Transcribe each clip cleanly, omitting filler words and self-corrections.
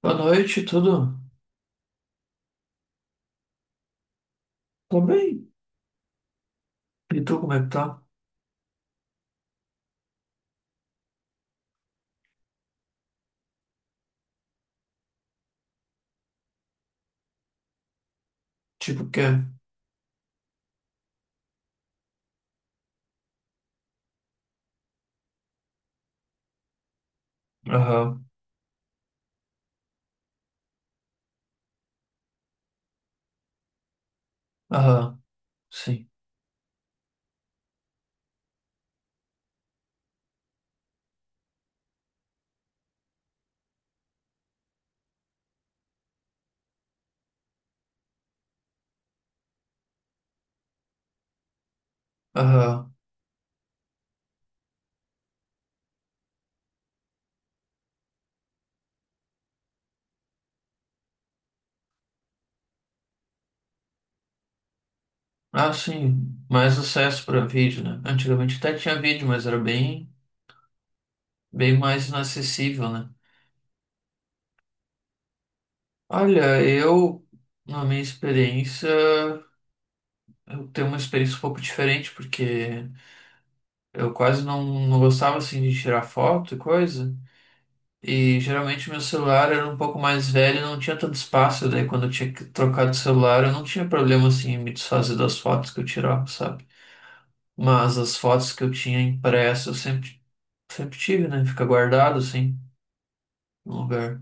Boa noite, tudo? Tô bem. E tu, como é que tá? Tipo, o quê? Aham, aham, sim, aham. Ah, sim, mais acesso pra vídeo, né? Antigamente até tinha vídeo, mas era bem, bem mais inacessível, né? Olha, eu, na minha experiência, eu tenho uma experiência um pouco diferente, porque eu quase não gostava, assim, de tirar foto e coisa. E geralmente meu celular era um pouco mais velho, não tinha tanto espaço, daí quando eu tinha que trocar de celular, eu não tinha problema assim em me desfazer das fotos que eu tirava, sabe? Mas as fotos que eu tinha impressa, eu sempre tive, né? Fica guardado assim, no lugar.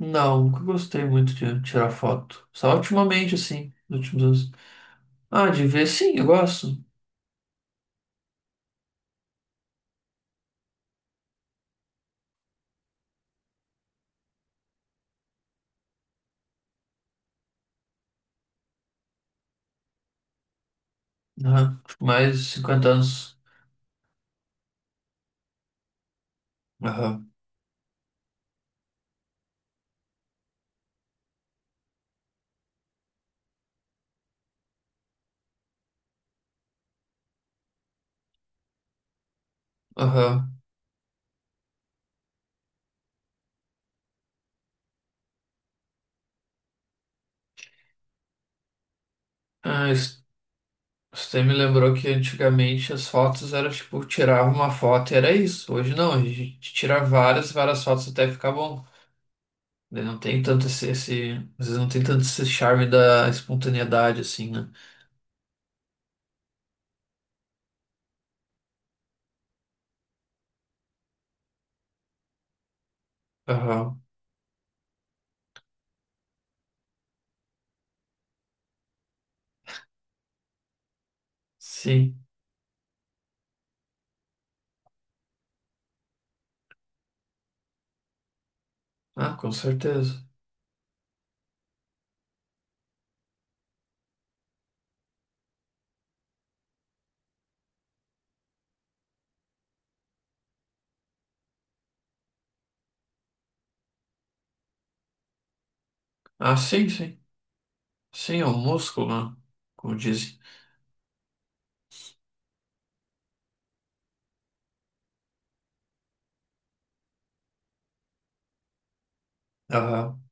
Não, nunca gostei muito de tirar foto. Só ultimamente, assim, nos últimos anos. Ah, de ver, sim, eu gosto. Aham. Mais de 50 anos. Aham, aham. Ah, você me lembrou que antigamente as fotos eram tipo, tirava uma foto e era isso. Hoje não, a gente tira várias, várias fotos até ficar bom. Daí não tem tanto às vezes não tem tanto esse charme da espontaneidade assim, né? Aham. Sim. Ah, com certeza. Ah, sim, sim. Sim, é um músculo, né? Como dizem. Aham.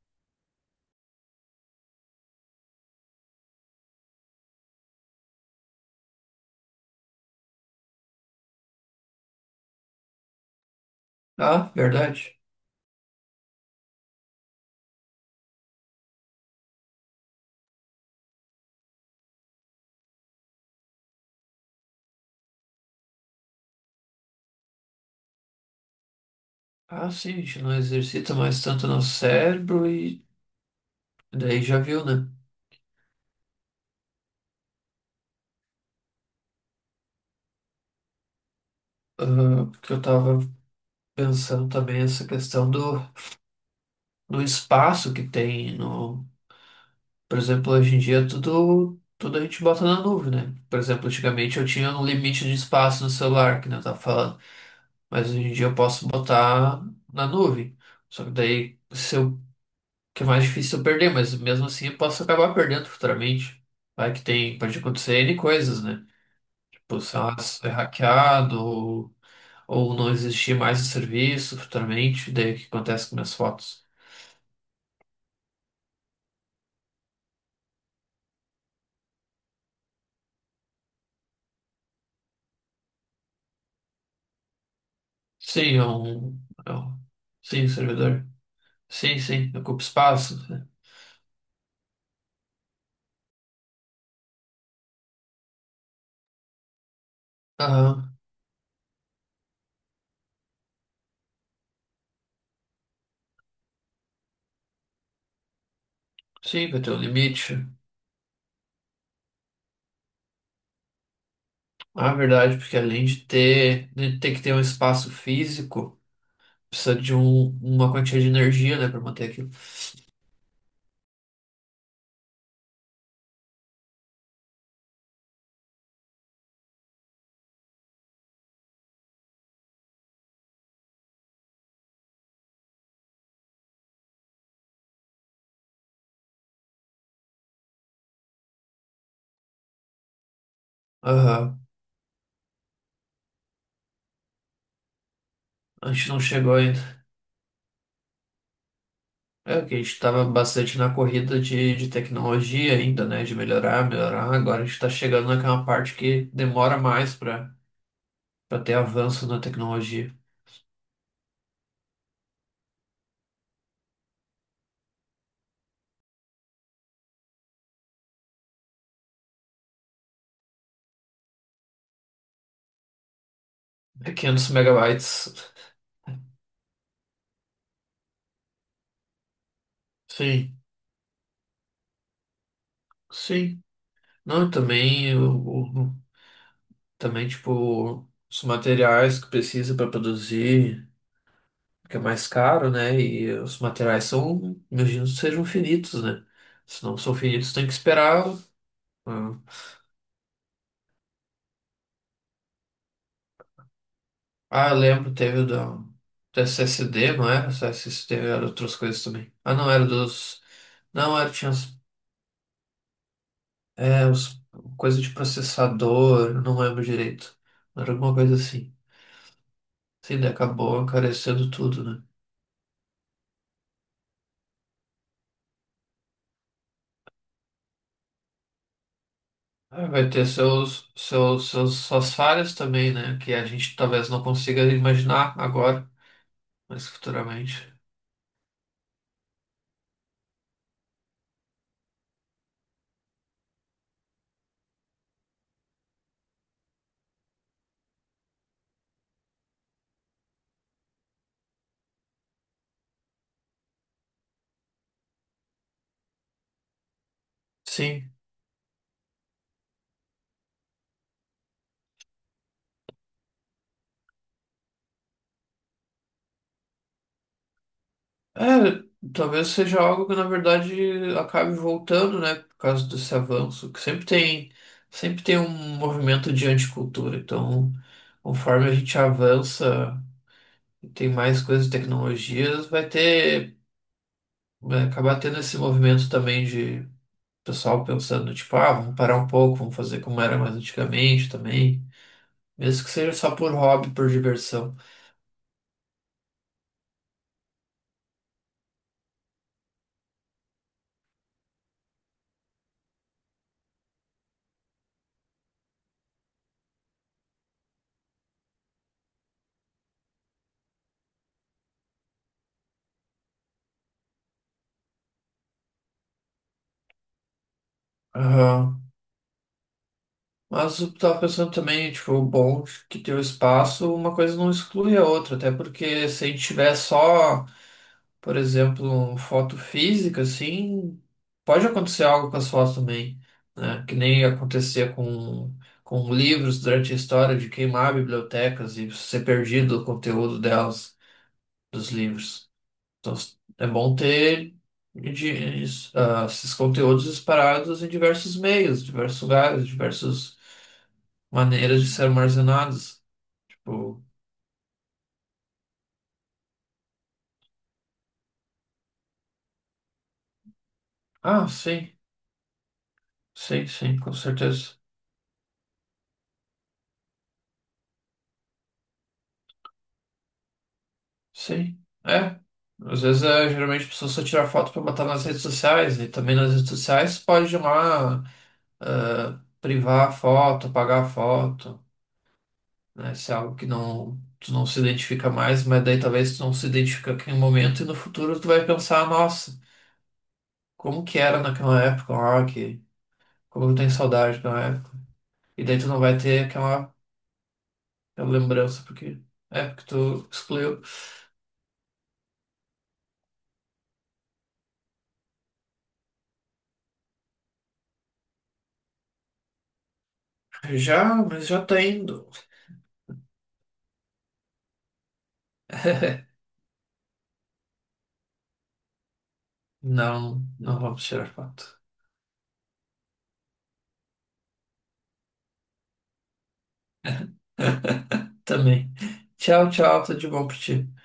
Ah, verdade. Ah, sim, a gente não exercita mais tanto no cérebro e daí já viu, né? Ah, porque eu tava pensando também essa questão do espaço que tem no, por exemplo, hoje em dia tudo a gente bota na nuvem, né? Por exemplo, antigamente eu tinha um limite de espaço no celular, que nem eu tava falando, mas hoje em dia eu posso botar na nuvem. Só que daí se eu, que é mais difícil eu perder, mas mesmo assim eu posso acabar perdendo futuramente. Vai que tem, pode acontecer N coisas, né? Tipo, sei lá, ser hackeado ou não existir mais o serviço futuramente, daí o que acontece com minhas fotos? Sim, é um- Sim, servidor. Sim, sim, ocupa espaço, né? Aham. Sim, vai ter um limite. Ah, é verdade, porque além de ter que ter um espaço físico, precisa de um, uma quantia de energia, né, para manter aquilo. Aham. A gente não chegou ainda. É que a gente estava bastante na corrida de tecnologia ainda, né? De melhorar, melhorar. Agora a gente está chegando naquela parte que demora mais para ter avanço na tecnologia. É 500 megabytes. Sim, sim. Não, e também o, também, tipo, os materiais que precisa para produzir, que é mais caro, né? E os materiais são, imagino, sejam finitos, né? Se não são finitos, tem que esperar. Ah, ah, eu lembro, teve o da, do SSD, não era? Só SSD, era outras coisas também. Ah, não, era dos. Não, era, tinha os, é, os, coisa de processador, eu não lembro direito. Era alguma coisa assim. Sim, daí acabou encarecendo tudo, né? É, vai ter suas falhas também, né? Que a gente talvez não consiga imaginar agora, mas futuramente. Sim. É, talvez seja algo que na verdade acabe voltando, né? Por causa desse avanço, que sempre tem um movimento de anticultura. Então, conforme a gente avança e tem mais coisas e tecnologias, vai acabar tendo esse movimento também de pessoal pensando, tipo, ah, vamos parar um pouco, vamos fazer como era mais antigamente também. Mesmo que seja só por hobby, por diversão. Aham. Mas eu tava pensando também, tipo, o bom de que ter o espaço, uma coisa não exclui a outra, até porque se a gente tiver só, por exemplo, um foto física, assim, pode acontecer algo com as fotos também, né? Que nem acontecia com livros durante a história de queimar bibliotecas e ser perdido o conteúdo delas, dos livros. Então, é bom ter de- isso, ah, esses conteúdos espalhados em diversos meios, diversos lugares, diversas maneiras de ser armazenados. Tipo, ah, sim, sim, sim, com certeza. Sim, é. Às vezes, é, geralmente, a pessoa só tira foto para botar nas redes sociais, e também nas redes sociais pode ir lá ah, privar a foto, apagar a foto, né? Se é algo que não, tu não se identifica mais, mas daí talvez tu não se identifica aqui no momento e no futuro tu vai pensar, nossa. Como que era naquela época o rock, como eu tem saudade daquela época. E daí tu não vai ter aquela, aquela lembrança, porque é porque tu excluiu. Já, mas já tá indo. Não, não vamos tirar foto. Também. Tchau, tchau, tudo de bom pra ti.